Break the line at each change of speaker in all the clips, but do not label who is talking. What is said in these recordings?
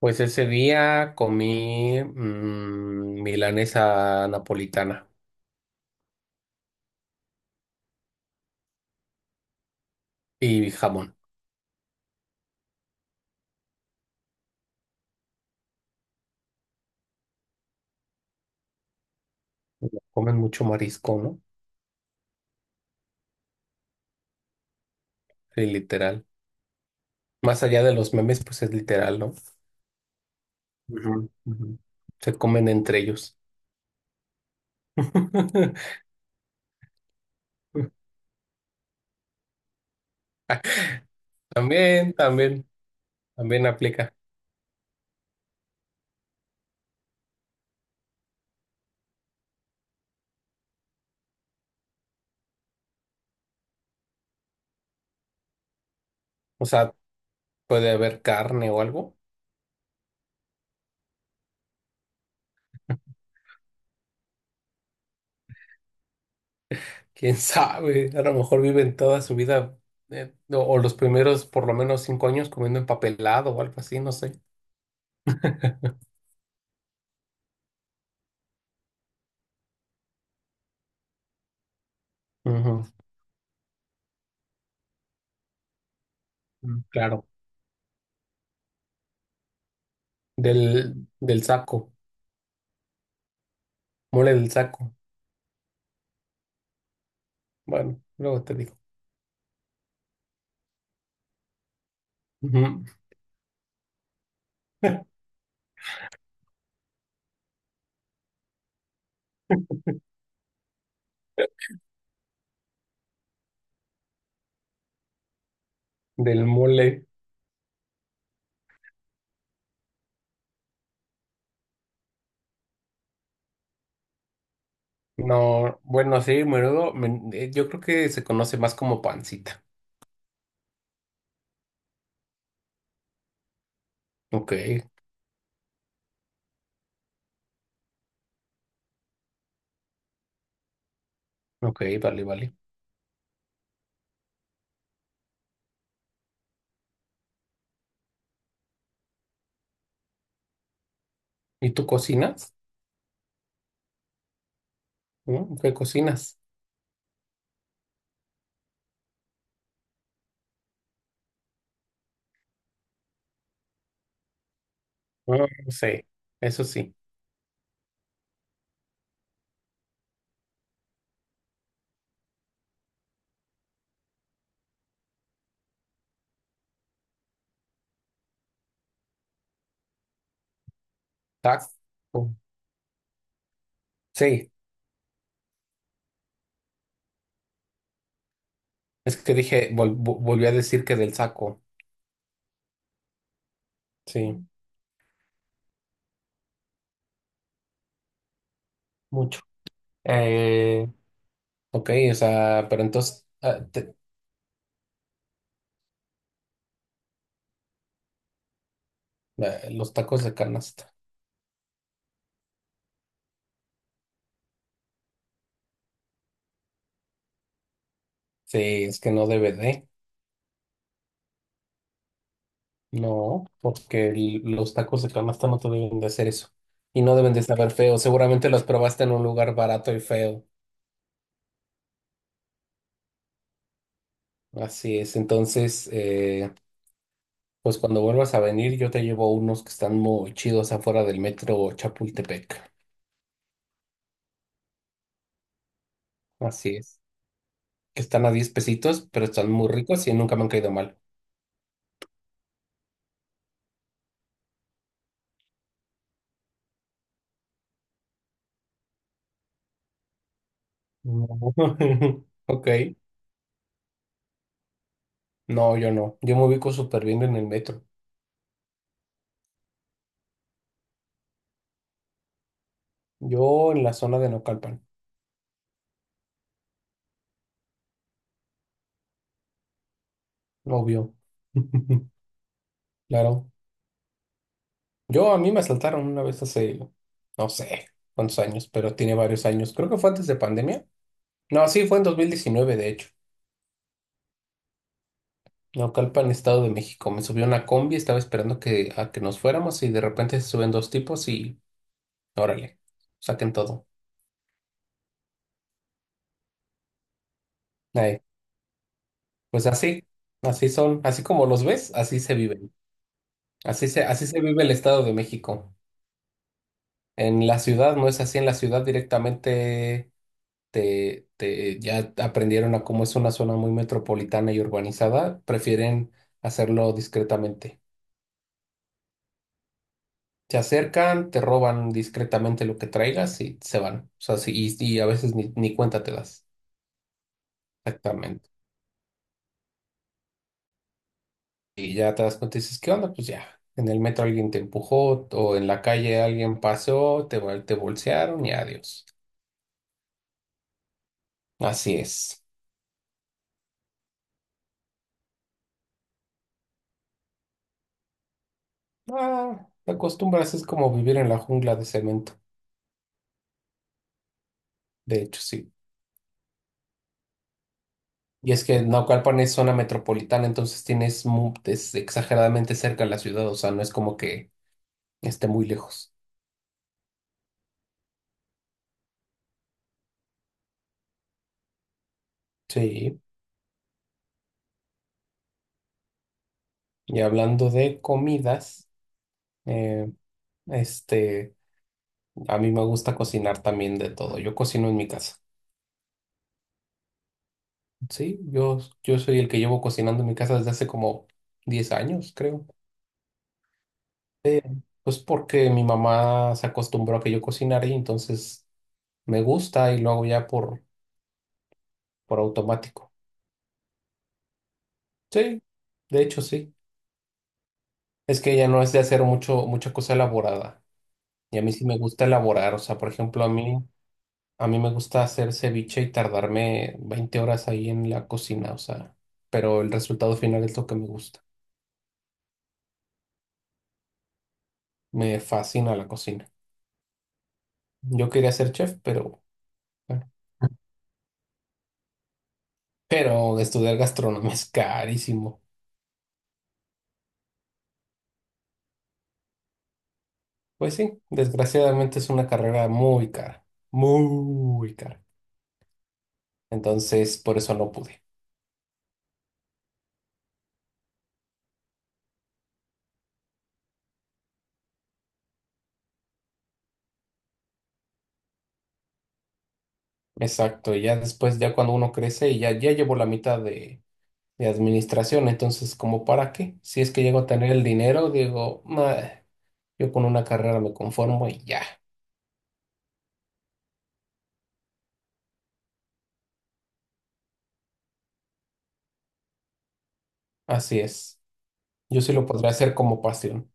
Pues ese día comí milanesa napolitana y jamón. Comen mucho marisco, ¿no? Sí, literal. Más allá de los memes, pues es literal, ¿no? Ujú, ujú. Se comen entre ellos. También, también, también aplica. O sea, puede haber carne o algo. Quién sabe, a lo mejor viven toda su vida o los primeros por lo menos 5 años comiendo empapelado o algo así, no sé. Ujú, mm, claro. Del saco, mole del saco. Bueno, luego te digo. Ujú, del mole. No, bueno, sí, menudo. Yo creo que se conoce más como pancita. Ok, ok, vale, vale. ¿Y tú cocinas? ¿Mm? ¿Qué cocinas? No, no sé, eso sí. Taco. Sí, es que dije, volví a decir que del saco. Sí, mucho. Eh, ok, o sea, pero entonces, ah, los tacos de canasta. Sí, es que no debe de. No, porque los tacos de canasta no te deben de hacer eso. Y no deben de saber feo. Seguramente los probaste en un lugar barato y feo. Así es. Entonces, pues cuando vuelvas a venir, yo te llevo unos que están muy chidos afuera del metro Chapultepec. Así es. Que están a 10 pesitos, pero están muy ricos y nunca me han caído mal. No. Ok. No, yo no. Yo me ubico súper bien en el metro. Yo en la zona de Naucalpan, obvio. Claro. Yo a mí me asaltaron una vez hace, no sé cuántos años, pero tiene varios años. Creo que fue antes de pandemia. No, sí, fue en 2019 de hecho. Naucalpan, Estado de México. Me subió una combi, estaba esperando que, a que nos fuéramos y de repente se suben dos tipos y órale, saquen todo. Ahí. Pues así, así son, así como los ves, así se viven. Así se vive el Estado de México. En la ciudad no es así, en la ciudad directamente. Ya aprendieron a cómo es una zona muy metropolitana y urbanizada, prefieren hacerlo discretamente. Te acercan, te roban discretamente lo que traigas y se van. O sea, sí, y a veces ni cuenta te das. Exactamente. Y ya te das cuenta y dices, ¿qué onda? Pues ya, en el metro alguien te empujó o en la calle alguien pasó, te bolsearon y adiós. Así es. Ah, te acostumbras, es como vivir en la jungla de cemento. De hecho, sí. Y es que Naucalpan es zona metropolitana, entonces tienes es exageradamente cerca de la ciudad, o sea, no es como que esté muy lejos. Sí. Y hablando de comidas, eh, este, a mí me gusta cocinar también de todo. Yo cocino en mi casa. Sí, yo soy el que llevo cocinando en mi casa desde hace como 10 años, creo. Pues porque mi mamá se acostumbró a que yo cocinara y entonces me gusta y lo hago ya por automático. Sí, de hecho sí. Es que ella no es de hacer mucha cosa elaborada. Y a mí sí me gusta elaborar. O sea, por ejemplo, a mí me gusta hacer ceviche y tardarme 20 horas ahí en la cocina. O sea, pero el resultado final es lo que me gusta. Me fascina la cocina. Yo quería ser chef, pero bueno. Pero estudiar gastronomía es carísimo. Pues sí, desgraciadamente es una carrera muy cara, muy cara. Entonces, por eso no pude. Exacto, y ya después, ya cuando uno crece y ya llevo la mitad de administración. Entonces, ¿como para qué? Si es que llego a tener el dinero, digo: "Nah, yo con una carrera me conformo y ya". Así es. Yo sí lo podría hacer como pasión.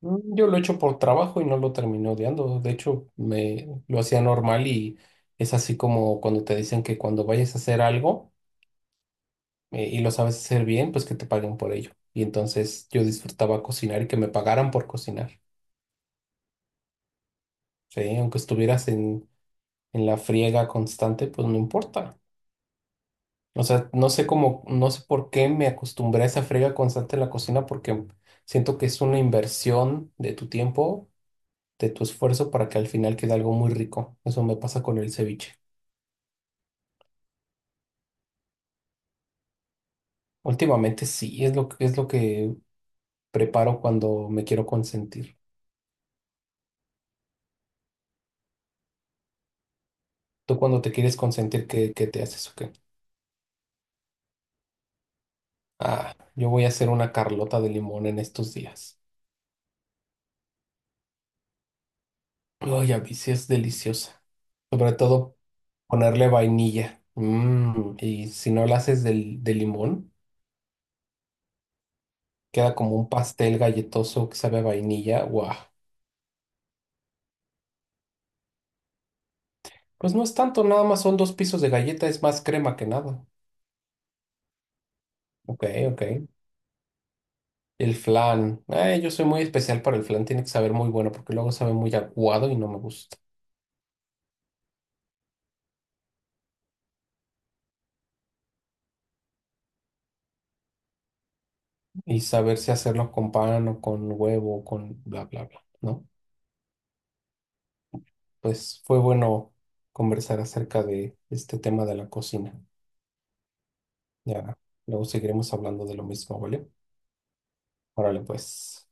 Yo lo he hecho por trabajo y no lo terminé odiando. De hecho, me lo hacía normal y es así como cuando te dicen que cuando vayas a hacer algo y lo sabes hacer bien, pues que te paguen por ello. Y entonces yo disfrutaba cocinar y que me pagaran por cocinar. Sí, aunque estuvieras en la friega constante, pues no importa. O sea, no sé cómo, no sé por qué me acostumbré a esa frega constante en la cocina porque siento que es una inversión de tu tiempo, de tu esfuerzo para que al final quede algo muy rico. Eso me pasa con el ceviche. Últimamente sí, es lo que preparo cuando me quiero consentir. Tú cuando te quieres consentir, ¿qué te haces o qué? Ah, yo voy a hacer una carlota de limón en estos días. Ay, a mí sí es deliciosa. Sobre todo ponerle vainilla. Y si no la haces del de limón, queda como un pastel galletoso que sabe a vainilla. ¡Guau! Pues no es tanto, nada más son dos pisos de galleta, es más crema que nada. Ok, ok. El flan. Yo soy muy especial para el flan, tiene que saber muy bueno porque luego sabe muy aguado y no me gusta. Y saber si hacerlo con pan o con huevo o con bla, bla, bla, ¿no? Pues fue bueno conversar acerca de este tema de la cocina. Ya, luego seguiremos hablando de lo mismo, ¿vale? Órale, pues.